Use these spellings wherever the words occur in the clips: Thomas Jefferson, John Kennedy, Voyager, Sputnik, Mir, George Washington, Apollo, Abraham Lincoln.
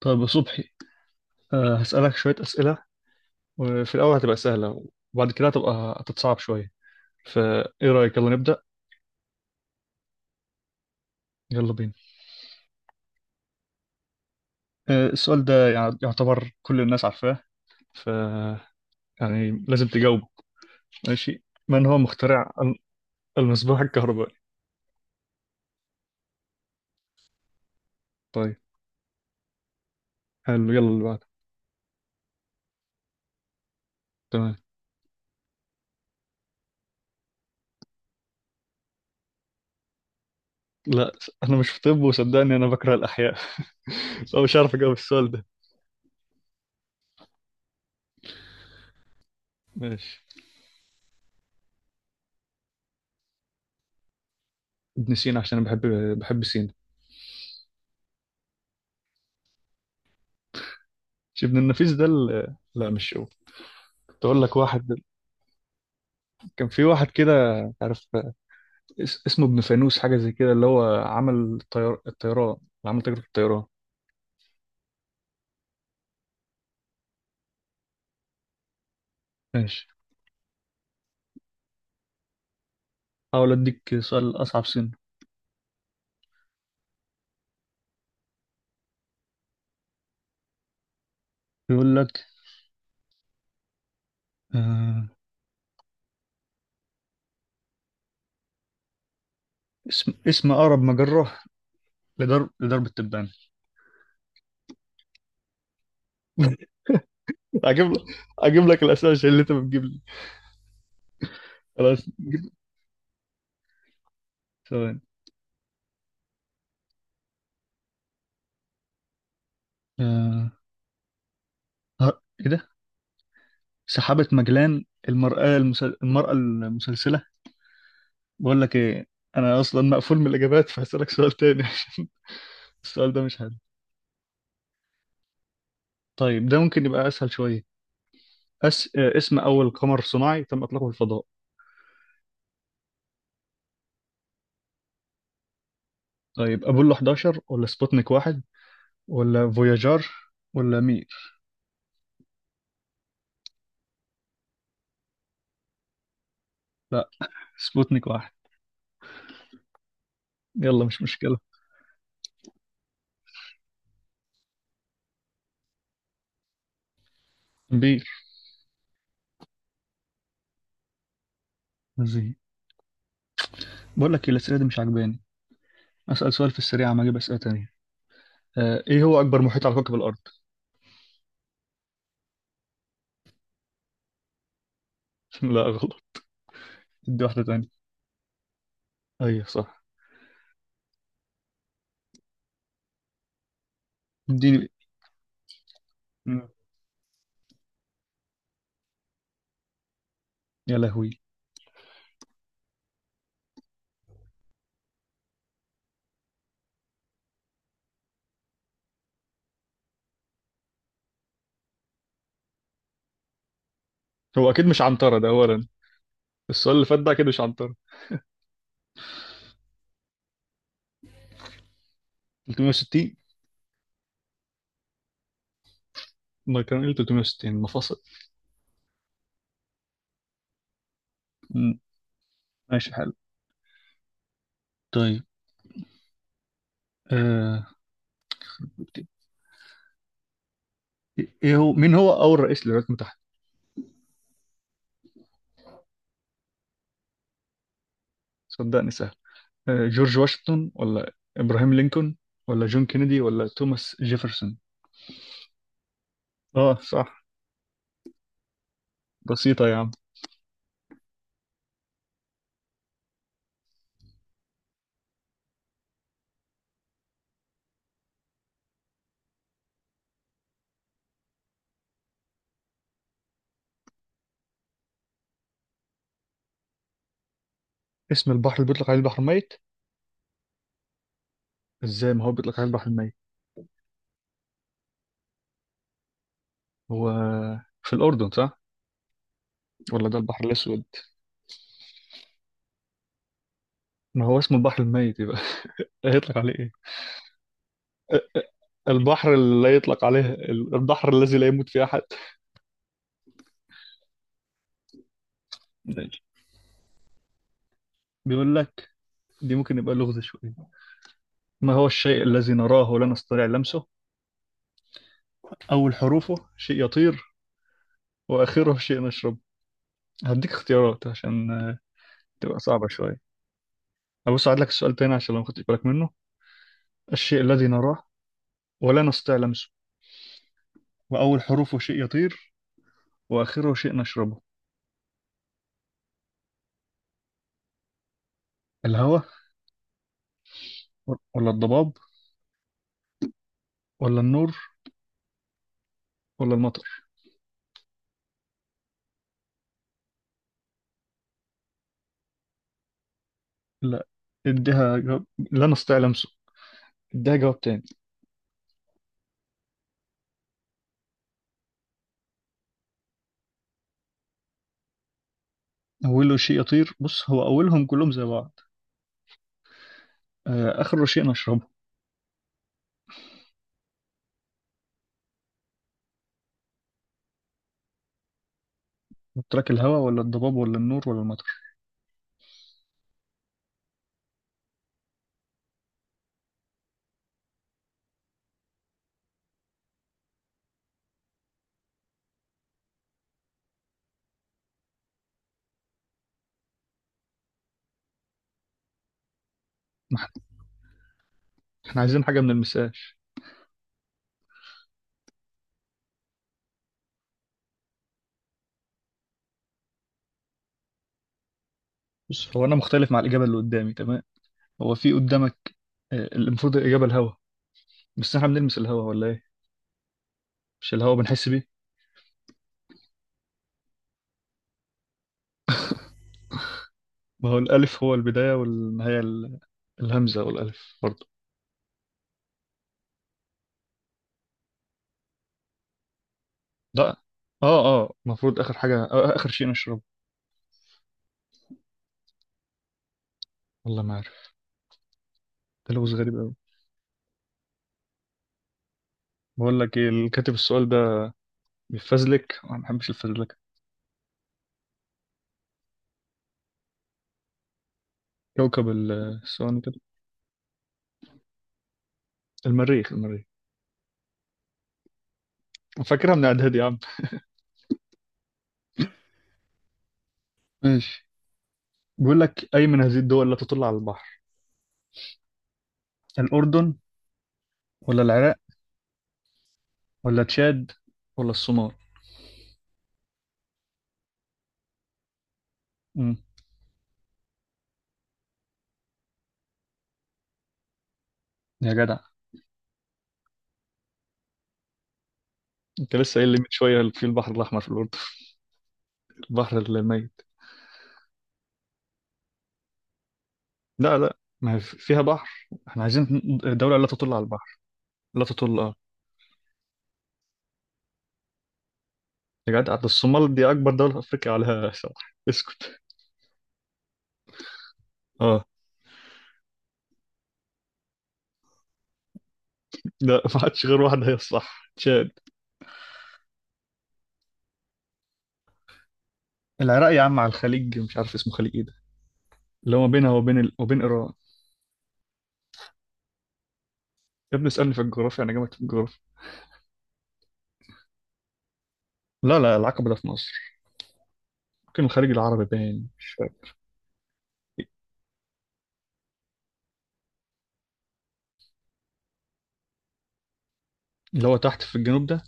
طيب يا صبحي، هسألك شوية أسئلة، وفي الأول هتبقى سهلة، وبعد كده هتبقى هتتصعب شوية. فإيه رأيك، يلا نبدأ. يلا بينا. السؤال ده يعتبر كل الناس عارفاه، ف يعني لازم تجاوبه. ماشي. من هو مخترع المصباح الكهربائي؟ طيب، حلو، يلا اللي بعده. تمام. لا، أنا مش في طب، وصدقني أنا بكره الأحياء. فمش عارف أجاوب السؤال ده. ماشي. ابن سينا، عشان أنا بحب، بحب سينا. مش ابن النفيس ده لا مش هو. كنت أقول لك واحد، كان في واحد كده، مش عارف، اسمه ابن فانوس، حاجة زي كده، اللي هو عمل الطيار، الطيران اللي عمل تجربة الطيران. ماشي. حاول اديك سؤال اصعب سنة. بيقول لك، آه اسم اقرب مجرة لدرب التبانة. اجيب لك اجيب لك الاسئلة عشان اللي انت بتجيب لي. خلاص، ثواني. آه ايه ده، سحابة مجلان، المرأة المسل... المرأة المسلسلة. بقول لك ايه، انا اصلا مقفول من الاجابات، فهسألك سؤال تاني عشان السؤال ده مش حلو. طيب ده ممكن يبقى اسهل شوية. أس... اسم أول قمر صناعي تم إطلاقه في الفضاء. طيب، أبولو 11 ولا سبوتنيك واحد ولا فوياجر ولا مير؟ لا، سبوتنيك واحد. يلا مش مشكلة. مير. زي، بقول لك الأسئلة دي مش عاجباني. أسأل سؤال في السريع عم أجيب أسئلة تانية. إيه هو أكبر محيط على كوكب الأرض؟ لا، غلط. دي واحدة تانية. أيوة، صح. اديني. مم. يا لهوي، هو أكيد مش عنترة ده أولا. السؤال اللي فات ده أكيد مش عنترة. 360. ما كان إيه، 360 مفاصل. مم. ماشي، حلو. طيب. آه. ايه هو، مين هو اول رئيس للولايات المتحده؟ صدقني سهل. جورج واشنطن ولا ابراهام لينكولن ولا جون كينيدي ولا توماس جيفرسون؟ اه صح. بسيطه يا عم. اسم البحر اللي بيطلق عليه البحر الميت؟ ازاي، ما هو بيطلق عليه البحر الميت. هو في الاردن صح، ولا ده البحر الاسود؟ ما هو اسمه البحر الميت، يبقى هيطلق عليه ايه؟ البحر اللي لا يطلق عليه البحر الذي لا يموت فيه احد. ماشي، بيقول لك، دي ممكن يبقى لغز شويه. ما هو الشيء الذي نراه ولا نستطيع لمسه، أول حروفه شيء يطير، واخره شيء نشرب. هديك اختيارات عشان تبقى صعبة شوية. أبص، أعيد لك السؤال تاني عشان لو ما خدتش بالك منه. الشيء الذي نراه ولا نستطيع لمسه، وأول حروفه شيء يطير، وآخره شيء نشربه. الهواء ولا الضباب ولا النور ولا المطر؟ لا. اديها جواب، لا نستطيع لمسه. اديها جواب تاني. أوله شيء يطير، بص هو أولهم كلهم زي بعض. آخره شيء نشربه. قلت لك الهواء ولا الضباب ولا النور ولا المطر. احنا عايزين حاجة من المساش. بص، هو أنا مختلف مع الإجابة اللي قدامي، تمام؟ هو في قدامك، المفروض الإجابة الهوا. بس احنا بنلمس الهوا ولا ايه؟ مش الهوا بنحس بيه. ما هو الألف هو البداية والنهاية، الهمزة والألف برضه. لا، اه اه، المفروض آخر حاجة، آه آخر شيء نشربه. والله ما عارف. تلوث غريب أوي. بقول لك ايه، اللي كاتب السؤال ده بيفزلك، أنا ما بحبش الفزلكة. كوكب الثواني كده. المريخ. فاكرها من إعدادي يا عم. ماشي، بيقول لك، أي من هذه الدول لا تطل على البحر؟ الأردن ولا العراق ولا تشاد ولا الصومال؟ امم يا جدع، انت لسه قايل لي من شويه في البحر الاحمر في الاردن، البحر الميت. لا لا، ما هي فيها بحر، احنا عايزين دوله لا تطل على البحر. لا تطل، اه. يا جدع، ده الصومال دي اكبر دوله في افريقيا عليها ساحل. اسكت. اه. لا، ما عادش غير واحده هي الصح، تشاد. العراق يا عم على الخليج، مش عارف اسمه خليج ايه ده، اللي هو ما بينها وبين ال... وبين ايران. يا ابني اسالني في الجغرافيا، انا جامد في الجغرافيا. لا لا، العقبه ده في مصر. ممكن الخليج العربي، باين مش فاكر. اللي هو تحت في الجنوب ده.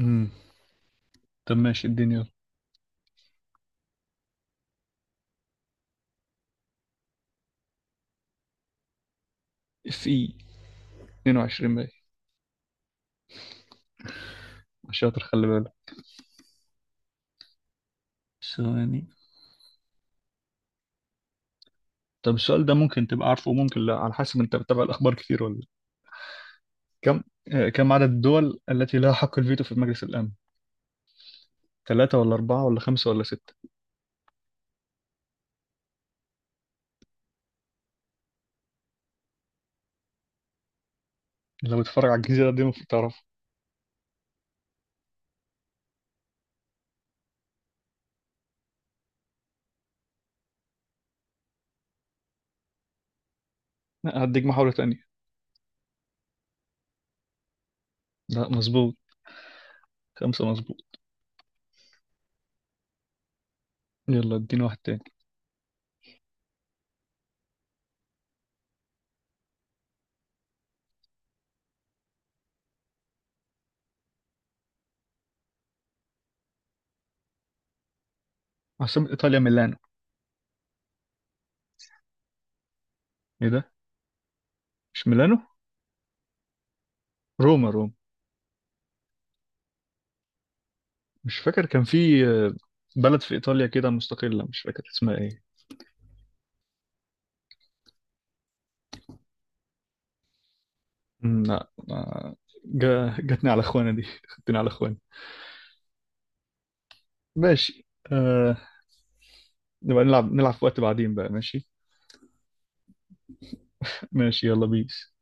امم طب ماشي الدنيا. في 22 باين. عشان خلي بالك، ثواني. طب السؤال ده ممكن تبقى عارفه وممكن لا، على حسب انت بتتابع الاخبار كتير ولا لأ. كم، كم عدد الدول التي لها حق الفيتو في مجلس الامن؟ ثلاثة ولا أربعة ولا خمسة ولا ستة؟ لو بتتفرج على الجزيرة دي المفروض تعرفها. لا، هديك محاولة تانية. لا، مظبوط. خمسة مظبوط. يلا اديني واحد تاني. عاصمة إيطاليا ميلانو. ايه ده، مش ميلانو، روما. مش فاكر كان في بلد في إيطاليا كده مستقلة، مش فاكر اسمها ايه. لا، جاتني على اخواني دي خدتني على اخواني. ماشي. آه، نبقى نلعب في وقت بعدين بقى. ماشي. ماشي، يلا بيس.